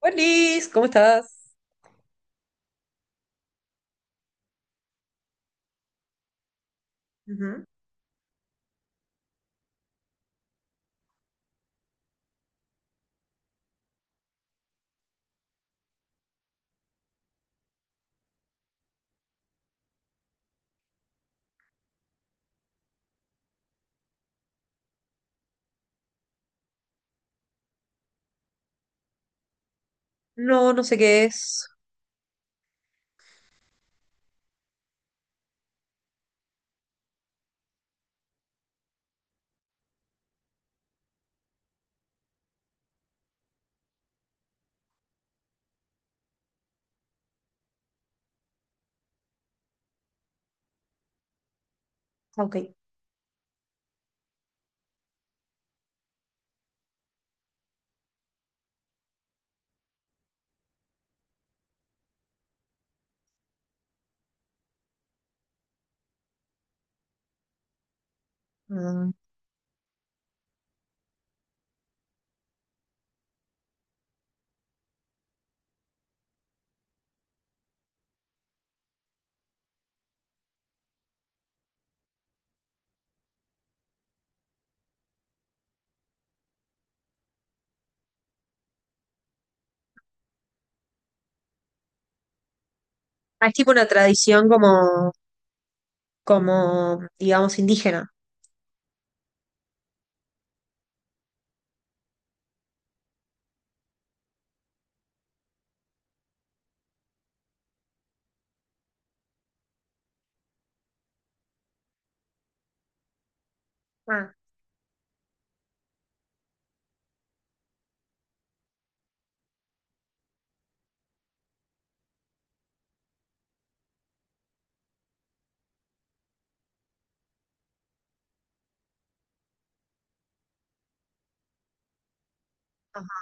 Buenis, ¿cómo estás? Ujú. No, no sé qué es. Ok. Mm. Ah, es tipo una tradición como, como, digamos, indígena. Ah, ajá,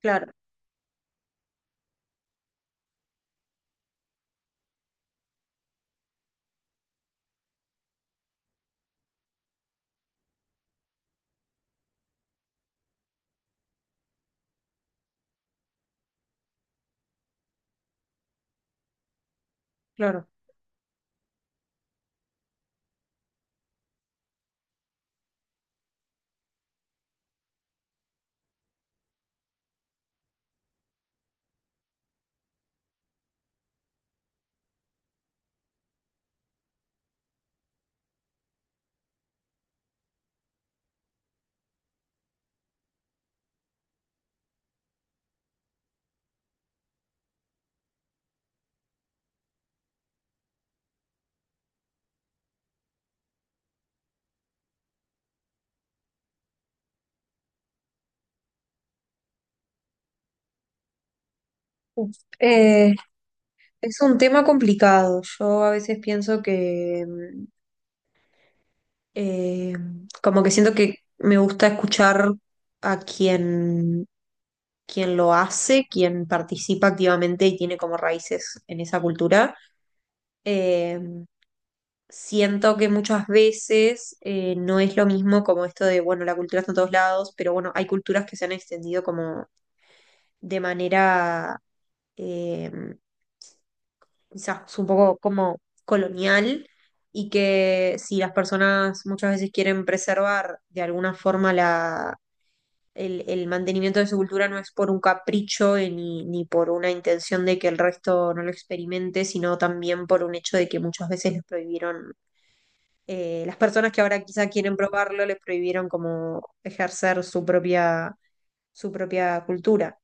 claro, claro. Uf, es un tema complicado. Yo a veces pienso que, eh, como que siento que me gusta escuchar a quien lo hace, quien participa activamente y tiene como raíces en esa cultura. Eh, siento que muchas veces no es lo mismo como esto de, bueno, la cultura está en todos lados, pero bueno, hay culturas que se han extendido como de manera eh, quizás un poco como colonial y que si las personas muchas veces quieren preservar de alguna forma la... El mantenimiento de su cultura no es por un capricho ni por una intención de que el resto no lo experimente, sino también por un hecho de que muchas veces les prohibieron las personas que ahora quizá quieren probarlo les prohibieron como ejercer su propia cultura.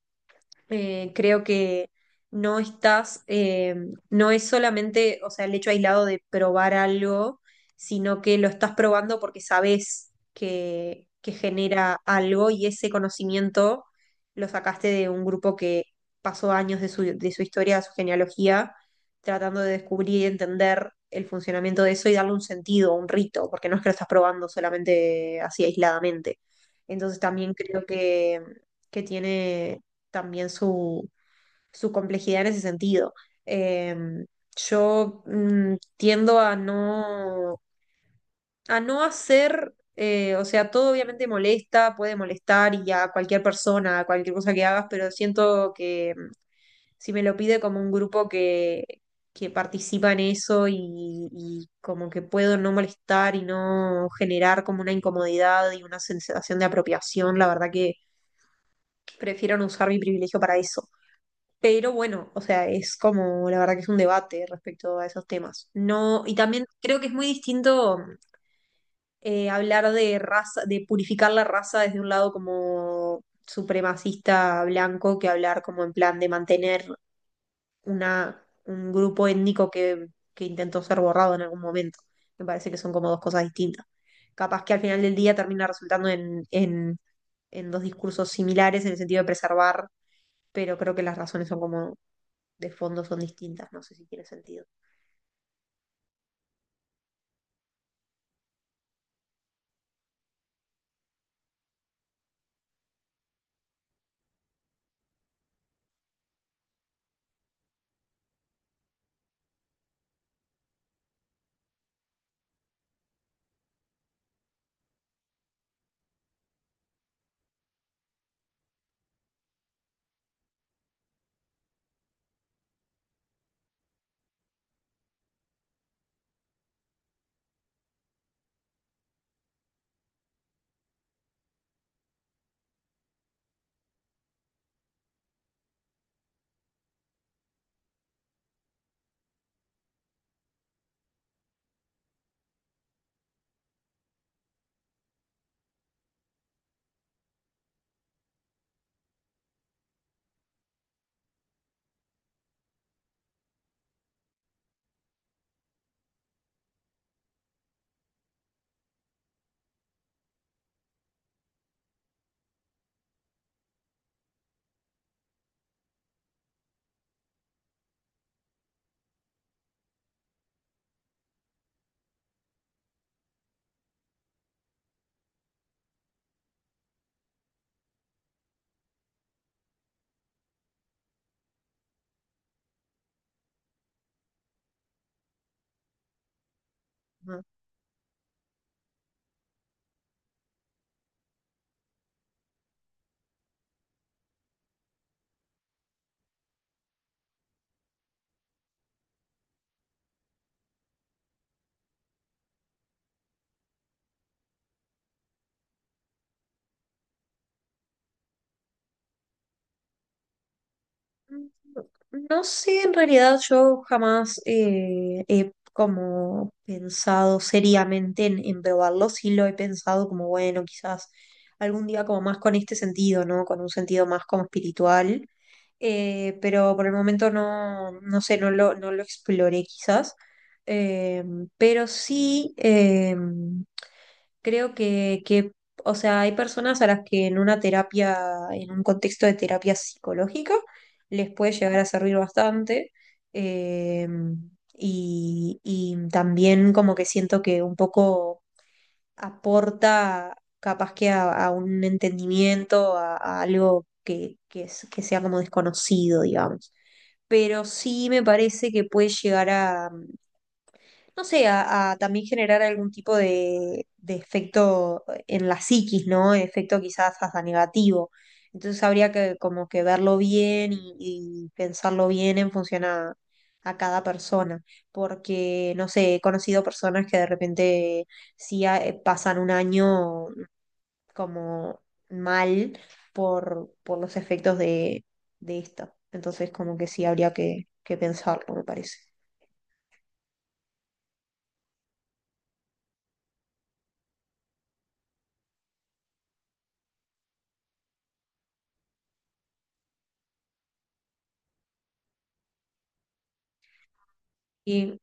Creo que no estás, no es solamente, o sea, el hecho aislado de probar algo, sino que lo estás probando porque sabes que genera algo y ese conocimiento lo sacaste de un grupo que pasó años de su historia, de su genealogía, tratando de descubrir y entender el funcionamiento de eso y darle un sentido, un rito, porque no es que lo estás probando solamente así aisladamente. Entonces también creo que tiene también su complejidad en ese sentido. Em, yo tiendo a a no hacer, o sea, todo obviamente molesta, puede molestar y a cualquier persona, a cualquier cosa que hagas, pero siento que si me lo pide como un grupo que participa en eso y como que puedo no molestar y no generar como una incomodidad y una sensación de apropiación, la verdad que prefiero no usar mi privilegio para eso. Pero bueno, o sea, es como, la verdad que es un debate respecto a esos temas. No, y también creo que es muy distinto hablar de raza, de purificar la raza desde un lado como supremacista blanco que hablar como en plan de mantener un grupo étnico que intentó ser borrado en algún momento. Me parece que son como dos cosas distintas. Capaz que al final del día termina resultando en en dos discursos similares en el sentido de preservar pero creo que las razones son como de fondo son distintas, no sé si tiene sentido. Ajá. No sé, en realidad yo jamás he como pensado seriamente en probarlo, sí lo he pensado como, bueno, quizás algún día como más con este sentido, ¿no? Con un sentido más como espiritual, pero por el momento no, no sé, no no lo exploré quizás. Eh, pero sí... creo que, o sea, hay personas a las que en una terapia, en un contexto de terapia psicológica, les puede llegar a servir bastante. eh, y también como que siento que un poco aporta capaz que a un entendimiento, a algo que que sea como desconocido, digamos. Pero sí me parece que puede llegar no sé, a también generar algún tipo de efecto en la psiquis, ¿no? Efecto quizás hasta negativo. Entonces habría que como que verlo bien y pensarlo bien en función a cada persona, porque, no sé, he conocido personas que de repente sí pasan un año como mal por los efectos de esto. Entonces como que sí habría que pensarlo, me parece. Y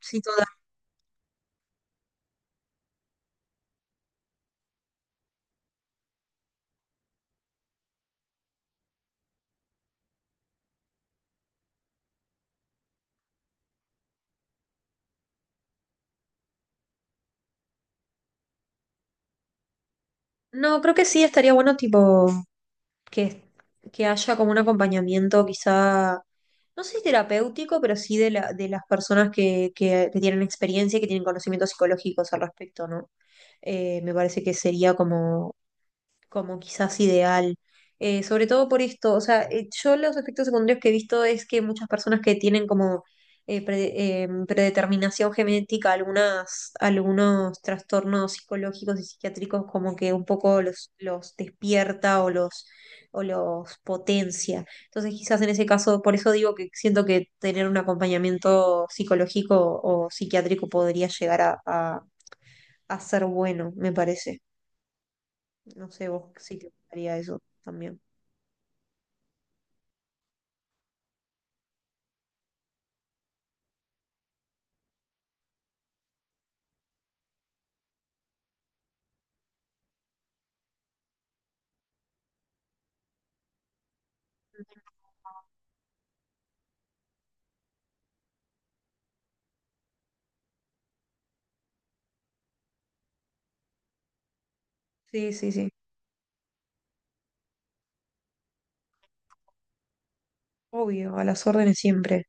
sí, total. No, creo que sí, estaría bueno tipo que, que haya como un acompañamiento quizá, no sé si terapéutico, pero sí de la, de las personas que tienen experiencia y que tienen conocimientos psicológicos al respecto, ¿no? Me parece que sería como como quizás ideal. Sobre todo por esto, o sea, yo los efectos secundarios que he visto es que muchas personas que tienen como predeterminación genética, algunas, algunos trastornos psicológicos y psiquiátricos como que un poco los despierta o o los potencia. Entonces quizás en ese caso, por eso digo que siento que tener un acompañamiento psicológico o psiquiátrico podría llegar a ser bueno, me parece. No sé vos si te gustaría eso también. Sí, sí, sí. Obvio, a las órdenes siempre.